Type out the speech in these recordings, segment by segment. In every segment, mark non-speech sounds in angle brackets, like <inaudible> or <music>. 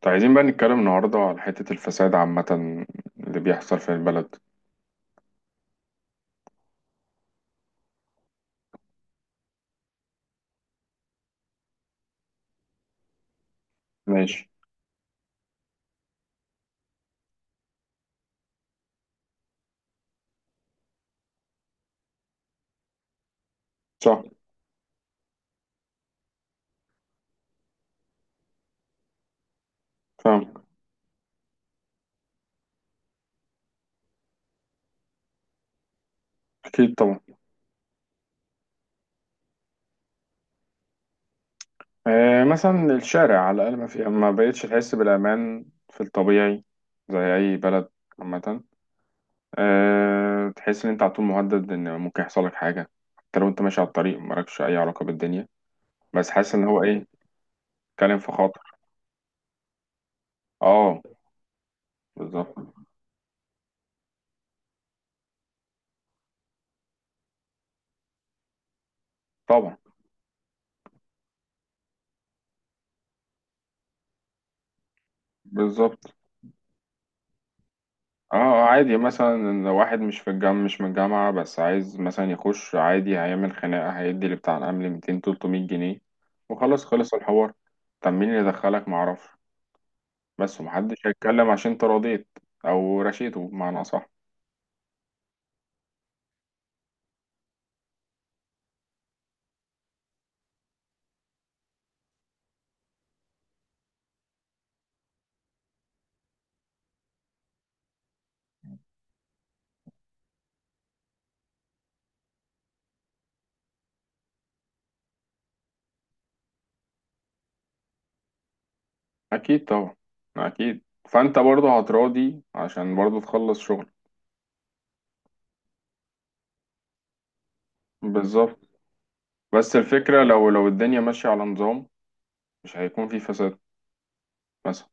طيب عايزين بقى نتكلم النهاردة على حتة الفساد عامة اللي بيحصل في البلد. ماشي. صح. فاهم. أكيد طبعا. آه، مثلا الشارع على الأقل ما في، ما بقتش تحس بالأمان في الطبيعي زي أي بلد عامة. آه تحس إن أنت على طول مهدد إن ممكن يحصل لك حاجة، حتى لو أنت ماشي على الطريق مالكش أي علاقة بالدنيا، بس حاسس إن هو إيه، بيتكلم في خطر. أه، بالظبط. طبعا. بالظبط. اه عادي، مثلا لو واحد مش في الجامعة، مش من الجامعة، بس عايز مثلا يخش عادي، هيعمل خناقة هيدي لبتاع الأمن 200 300 جنيه وخلاص خلص الحوار. طب مين اللي دخلك معرفش، بس ومحدش هيتكلم عشان انت رضيت، أو رشيته بمعنى أصح. أكيد طبعا. أكيد، فأنت برضه هتراضي عشان برضه تخلص شغل. بالظبط. بس الفكرة لو الدنيا ماشية على نظام مش هيكون في فساد مثلا.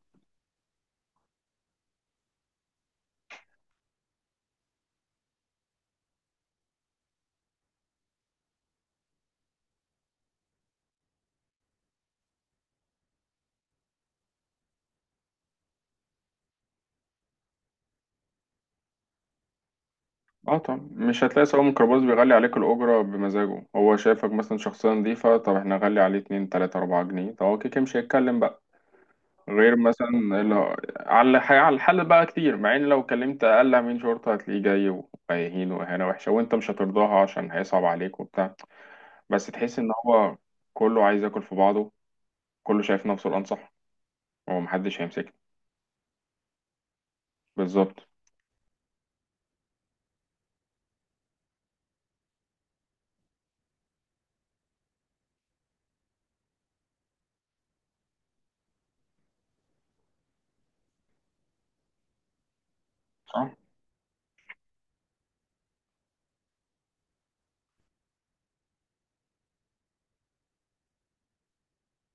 اه طبعا، مش هتلاقي سواق ميكروباص بيغلي عليك الأجرة بمزاجه، هو شايفك مثلا شخصية نظيفة، طب احنا نغلي عليه اتنين تلاتة أربعة جنيه، طب هو كده كده مش هيتكلم بقى. غير مثلا على الحل بقى، كتير مع ان لو كلمت أقل أمين شرطة هتلاقيه جاي وهيهين، وإهانة وحشة وأنت مش هترضاها عشان هيصعب عليك وبتاع. بس تحس إن هو كله عايز ياكل في بعضه، كله شايف نفسه الأنصح، هو محدش هيمسكه. بالظبط. صح.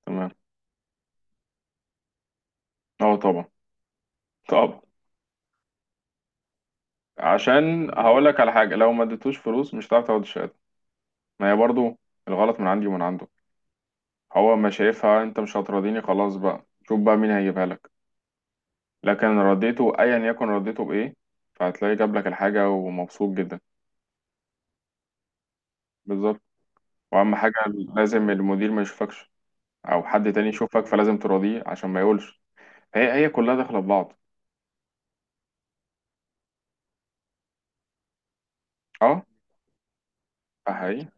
تمام. اه طبعا. طبعا. عشان هقول لك على حاجة، لو ما اديتوش فلوس مش هتعرف تاخد الشهادة، ما هي برضو الغلط من عندي ومن عنده. هو ما شايفها، انت مش هتراضيني، خلاص بقى شوف بقى مين هيجيبها لك، لكن رديته ايا يكن، رديته بايه، فهتلاقي جاب لك الحاجة ومبسوط جدا. بالظبط. واهم حاجة لازم المدير ما يشوفكش او حد تاني يشوفك، فلازم تراضيه عشان ما يقولش. هي هي كلها داخلة في بعض. اه. ده حقيقي.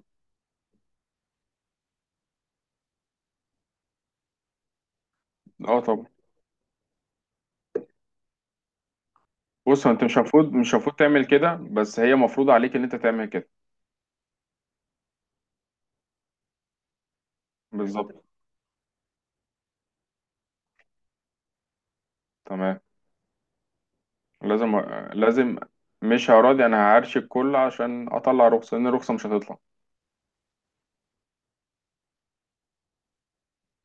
اه طبعا. بص انت مش المفروض تعمل كده، بس هي مفروض عليك ان انت تعمل كده. بالظبط. تمام. لازم. لازم. مش هراضي، انا هعرش الكل عشان اطلع رخصه لان الرخصه مش هتطلع.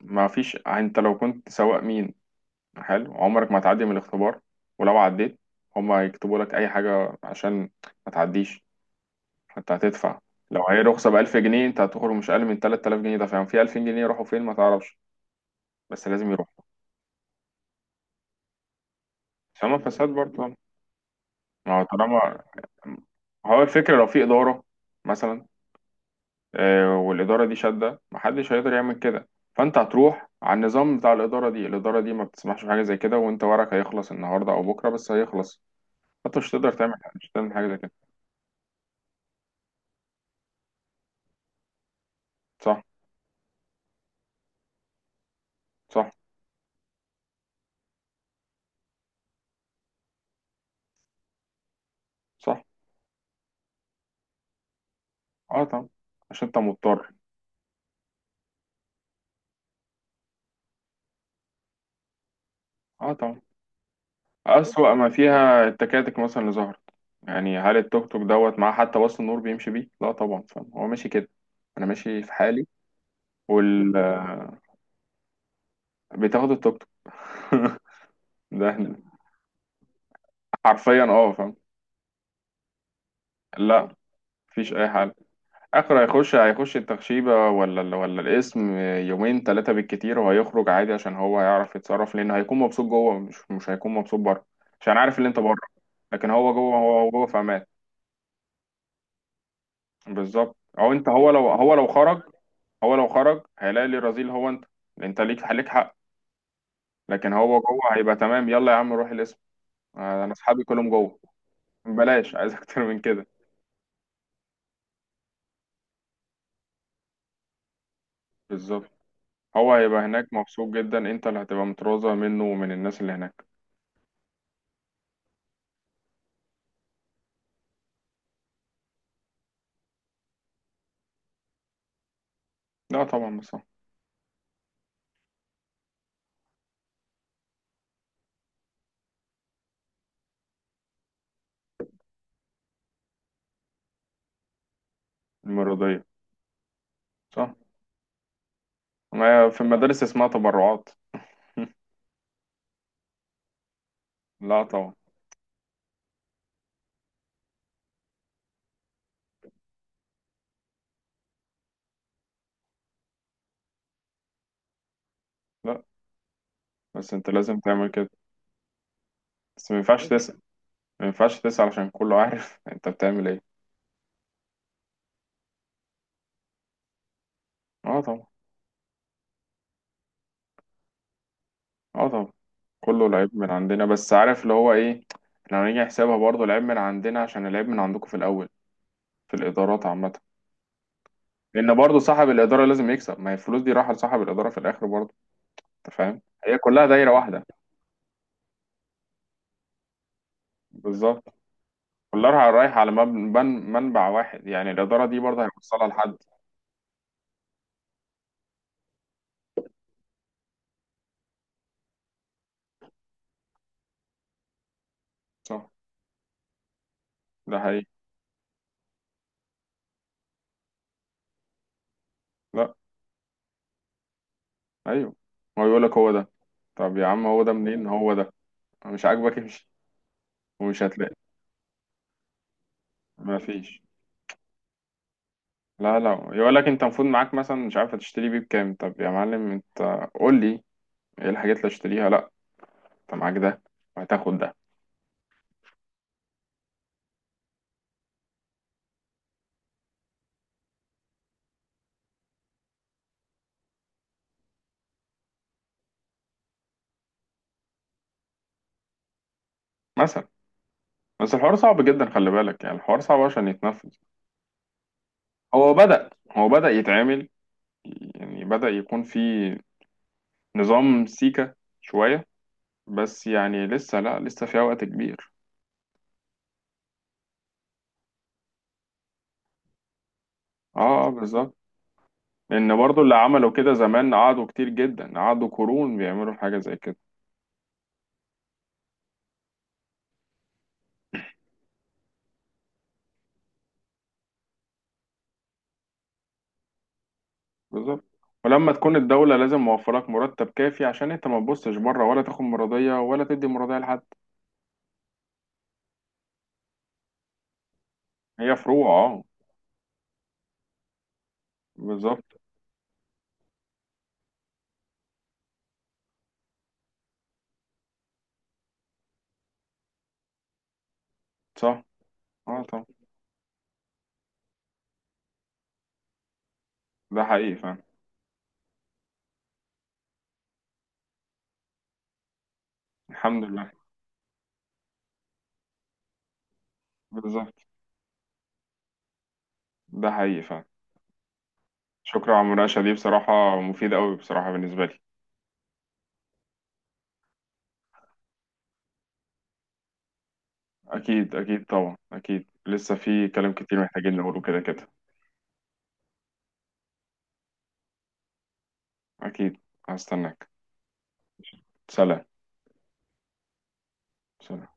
ما فيش، انت لو كنت سواق مين حلو، عمرك ما هتعدي من الاختبار، ولو عديت هما هيكتبوا لك اي حاجه عشان ما تعديش. انت هتدفع. لو هي رخصه ب 1000 جنيه انت هتخرج مش اقل من 3000 جنيه، ده فاهم في 2000 جنيه يروحوا فين ما تعرفش، بس لازم يروحوا. عشان ما فساد برضه. ما هو طالما هو الفكره لو في اداره مثلا، والإدارة دي شادة محدش هيقدر يعمل كده، فأنت هتروح على النظام بتاع الإدارة دي، الإدارة دي ما بتسمحش بحاجة زي كده، وأنت ورقك هيخلص النهاردة أو بكرة بس هيخلص، فأنت مش هتقدر تعمل حاجة، مش هتعمل حاجة زي كده. صح. صح. صح. أه طبعا، عشان أنت مضطر. أه طبعا. أسوأ ما فيها التكاتك مثلا اللي ظهرت، يعني هل التوك توك دوت معاه حتى وصل النور بيمشي بيه؟ لا طبعا، فاهم هو ماشي كده، أنا ماشي في حالي. وال آه، بتاخد التوك توك <laughs> ده حرفيا أه، فاهم. لا مفيش أي حل، اخر هيخش التخشيبة ولا ولا الاسم يومين ثلاثة بالكتير، وهيخرج عادي عشان هو هيعرف يتصرف، لأنه هيكون مبسوط جوه، مش هيكون مبسوط بره عشان عارف اللي انت بره، لكن هو جوه، هو جوه في امان. بالظبط. او انت، هو لو، هو لو خرج، هو لو خرج هيلاقي اللي رذيل هو انت، انت ليك حق، لكن هو جوه هيبقى تمام، يلا يا عم روح الاسم، انا اصحابي كلهم جوه، بلاش عايز اكتر من كده. بالظبط. هو هيبقى هناك مبسوط جدا، انت اللي هتبقى متروضة منه ومن الناس اللي هناك. لا طبعا بصراحة. المرضية. صح. ما هي في المدارس اسمها تبرعات. <laughs> لا طبعا. لا بس انت لازم تعمل كده، بس ما ينفعش تسأل، ما ينفعش تسأل عشان كله عارف <laughs> انت بتعمل ايه. اه طبعا. اه طبعا. كله العيب من عندنا، بس عارف اللي هو ايه، لو نيجي نحسبها برضه العيب من عندنا عشان العيب من عندكم في الاول، في الادارات عامة. لان برضه صاحب الادارة لازم يكسب، ما هي الفلوس دي رايحة لصاحب الادارة في الاخر برضه، انت فاهم، هي كلها دايرة واحدة. بالظبط. كلها رايحة على منبع واحد، يعني الادارة دي برضه هيوصلها لحد. صح. ده حقيقي. لا. ايوه. هو يقول لك هو ده، طب يا عم هو ده منين، هو ده مش عاجبك امشي، ومش هتلاقي. ما فيش. لا لا، يقول لك انت المفروض معاك مثلا، مش عارف هتشتري بيه بكام، طب يا معلم انت قول لي ايه الحاجات اللي هشتريها، لا انت معاك ده وهتاخد ده. مثلا. بس الحوار صعب جدا، خلي بالك يعني الحوار صعب عشان يتنفذ. هو بدأ يتعمل، يعني بدأ يكون في نظام سيكة شوية، بس يعني لسه، لا لسه فيها وقت كبير. اه، بالظبط، لان برضو اللي عملوا كده زمان قعدوا كتير جدا، قعدوا قرون بيعملوا حاجه زي كده. بالظبط. ولما تكون الدوله لازم موفرك مرتب كافي عشان انت ما تبصش بره، ولا تاخد مرضيه ولا تدي مرضيه لحد. هي فروع اه. بالظبط. صح. اه طبعا. ده حقيقي فعلا. الحمد لله. بالظبط. ده حقيقي فعلا. شكرا على المناقشه دي، بصراحه مفيده قوي بصراحه بالنسبه لي. اكيد. اكيد طبعا، اكيد لسه في كلام كتير محتاجين نقوله كده كده. اكيد. هستناك. سلام. سلام.